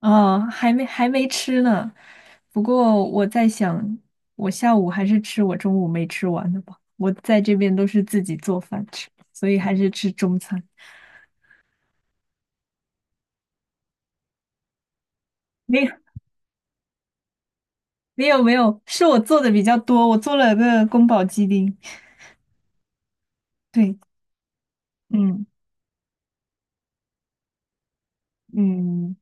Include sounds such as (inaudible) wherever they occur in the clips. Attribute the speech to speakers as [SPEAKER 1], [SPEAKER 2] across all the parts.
[SPEAKER 1] 哦，还没吃呢。不过我在想，我下午还是吃我中午没吃完的吧。我在这边都是自己做饭吃，所以还是吃中餐。没有没有没有，是我做的比较多，我做了个宫保鸡丁。(laughs) 对，嗯嗯，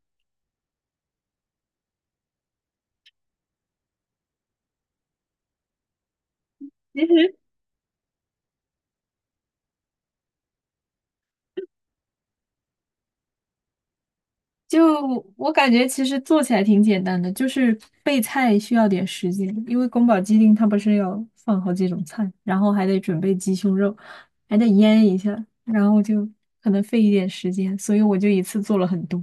[SPEAKER 1] 就我感觉，其实做起来挺简单的，就是备菜需要点时间，因为宫保鸡丁它不是要放好几种菜，然后还得准备鸡胸肉，还得腌一下，然后就可能费一点时间，所以我就一次做了很多。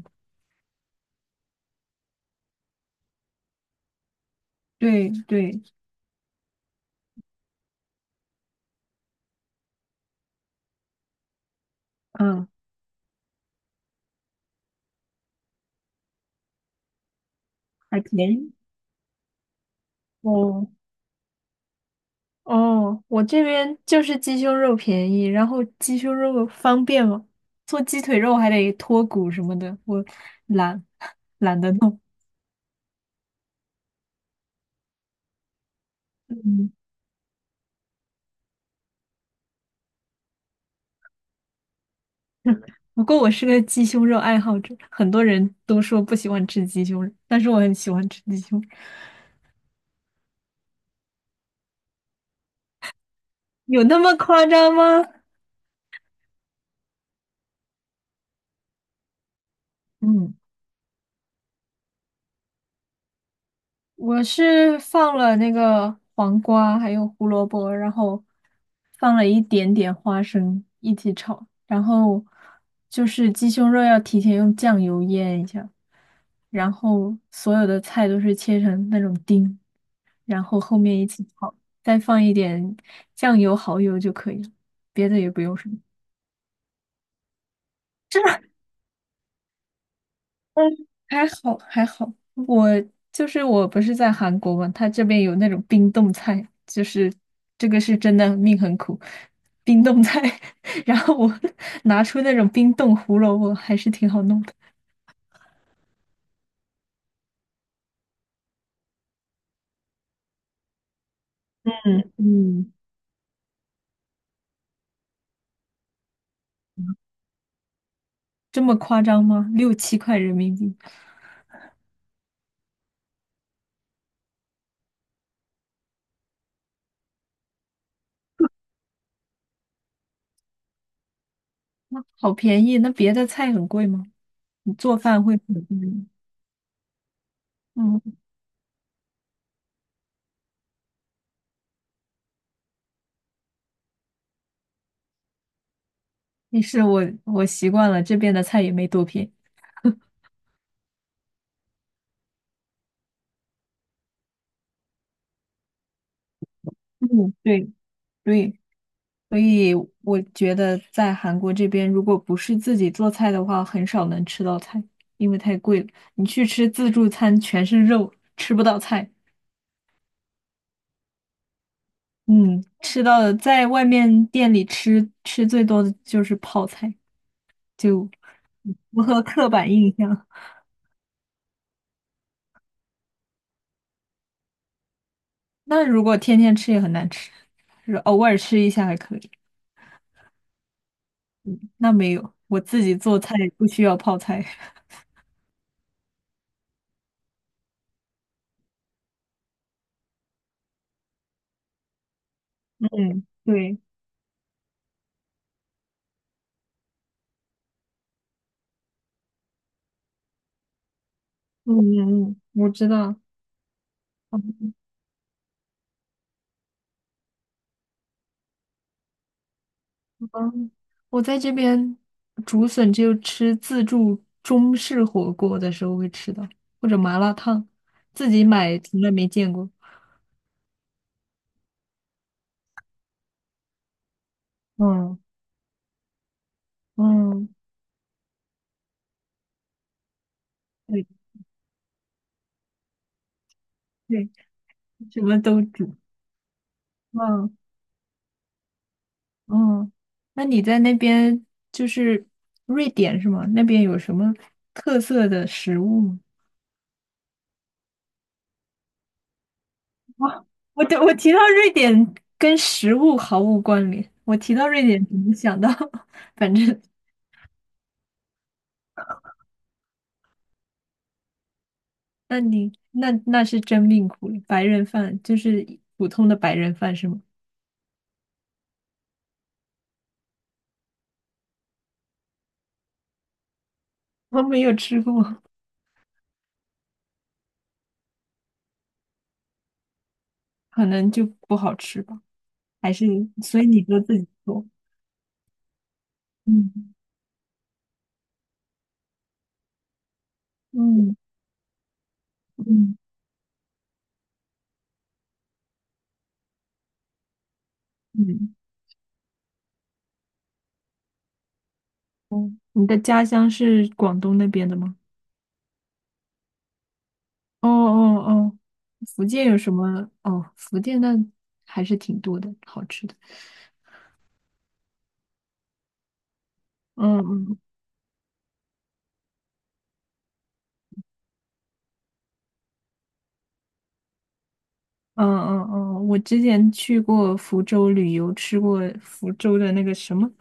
[SPEAKER 1] 对对，嗯，还便宜。哦哦，我这边就是鸡胸肉便宜，然后鸡胸肉方便嘛，做鸡腿肉还得脱骨什么的，我懒 (laughs) 懒得弄。嗯。(laughs) 不过我是个鸡胸肉爱好者，很多人都说不喜欢吃鸡胸肉，但是我很喜欢吃鸡胸肉。有那么夸张吗？嗯，我是放了那个黄瓜，还有胡萝卜，然后放了一点点花生一起炒，然后就是鸡胸肉要提前用酱油腌一下，然后所有的菜都是切成那种丁，然后后面一起炒，再放一点酱油、蚝油就可以了，别的也不用什么。(laughs) 嗯，还好还好，我不是在韩国嘛，他这边有那种冰冻菜，就是这个是真的命很苦，冰冻菜。(laughs) 然后我 (laughs) 拿出那种冰冻胡萝卜，还是挺好弄的。嗯，嗯，这么夸张吗？六七块人民币，那好便宜。那别的菜很贵吗？你做饭会很贵吗？嗯，也是我习惯了，这边的菜也没多便宜。嗯，对对。所以我觉得在韩国这边，如果不是自己做菜的话，很少能吃到菜，因为太贵了。你去吃自助餐，全是肉，吃不到菜。嗯，吃到的在外面店里吃，吃最多的就是泡菜，就符合刻板印象。那如果天天吃也很难吃，就是偶尔吃一下还可以。那没有，我自己做菜不需要泡菜。(laughs) 嗯，对，嗯嗯嗯，我知道。嗯，我在这边竹笋只有吃自助中式火锅的时候会吃到，或者麻辣烫，自己买从来没见过。嗯嗯，对对，什么都煮。嗯嗯，那你在那边就是瑞典是吗？那边有什么特色的食物吗？哇，我提到瑞典跟食物毫无关联，我提到瑞典只能想到，(laughs) 反正那你那是真命苦，白人饭就是普通的白人饭是吗？我没有吃过，可能就不好吃吧。还是所以你都自己做？嗯嗯嗯嗯。哦，你的家乡是广东那边的吗？哦哦哦，福建有什么？哦，福建那还是挺多的，好吃的。嗯嗯嗯嗯嗯，我之前去过福州旅游，吃过福州的那个什么，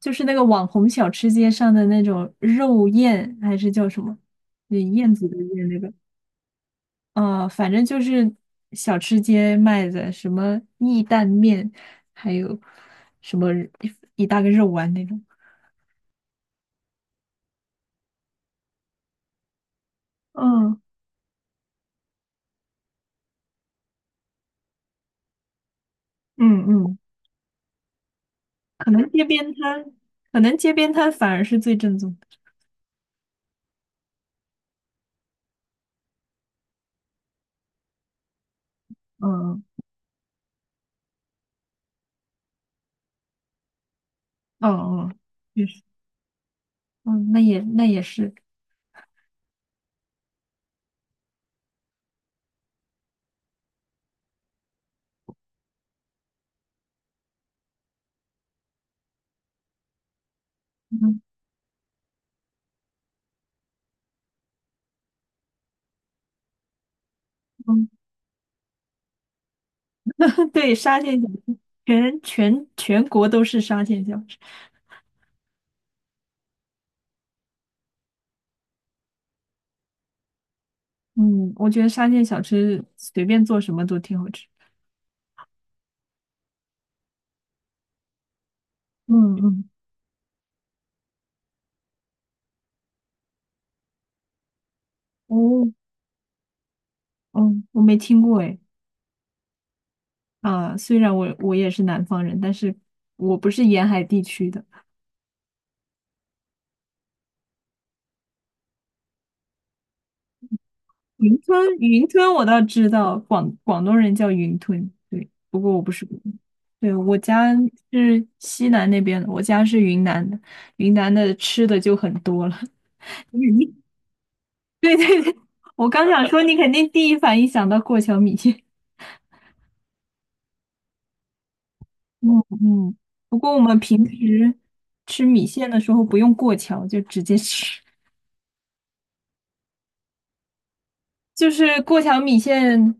[SPEAKER 1] 就是那个网红小吃街上的那种肉燕，还是叫什么？那燕子的燕那个，反正就是小吃街卖的什么意蛋面，还有什么一大个肉丸那种。嗯嗯嗯，可能街边摊，可能街边摊反而是最正宗的。嗯嗯嗯，确实，嗯，那也是。嗯嗯，(laughs) 对，沙县小吃，全国都是沙县小吃。嗯，我觉得沙县小吃随便做什么都挺好吃。嗯嗯，哦，嗯，我没听过哎。啊，虽然我也是南方人，但是我不是沿海地区的。云吞，云吞我倒知道，广东人叫云吞，对，不过我不是广东。对，我家是西南那边的，我家是云南的，云南的吃的就很多了。(laughs) 你 (laughs) 对对对，我刚想说，你肯定第一反应想到过桥米线。嗯嗯，不过我们平时吃米线的时候不用过桥，就直接吃。就是过桥米线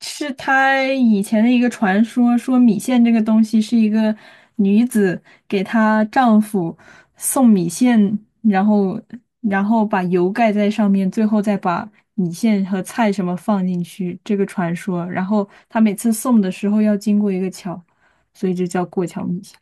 [SPEAKER 1] 是他以前的一个传说，说米线这个东西是一个女子给她丈夫送米线，然后把油盖在上面，最后再把米线和菜什么放进去，这个传说。然后她每次送的时候要经过一个桥，所以就叫过桥米线。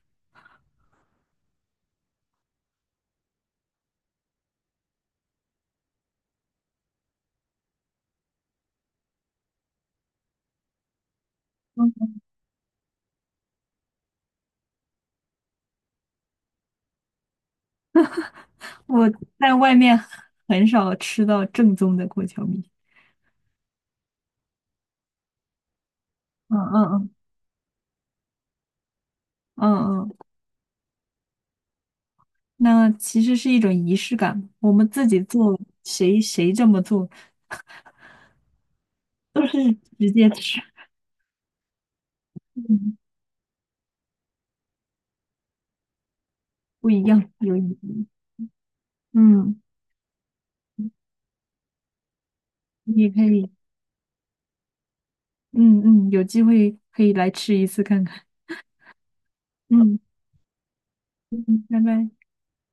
[SPEAKER 1] 嗯，我在外面很少吃到正宗的过桥米线。嗯嗯嗯嗯嗯。那其实是一种仪式感。我们自己做，谁这么做，都是直接吃，嗯不一样，有意义。嗯，你也可以，嗯嗯，有机会可以来吃一次看看。嗯嗯，拜拜。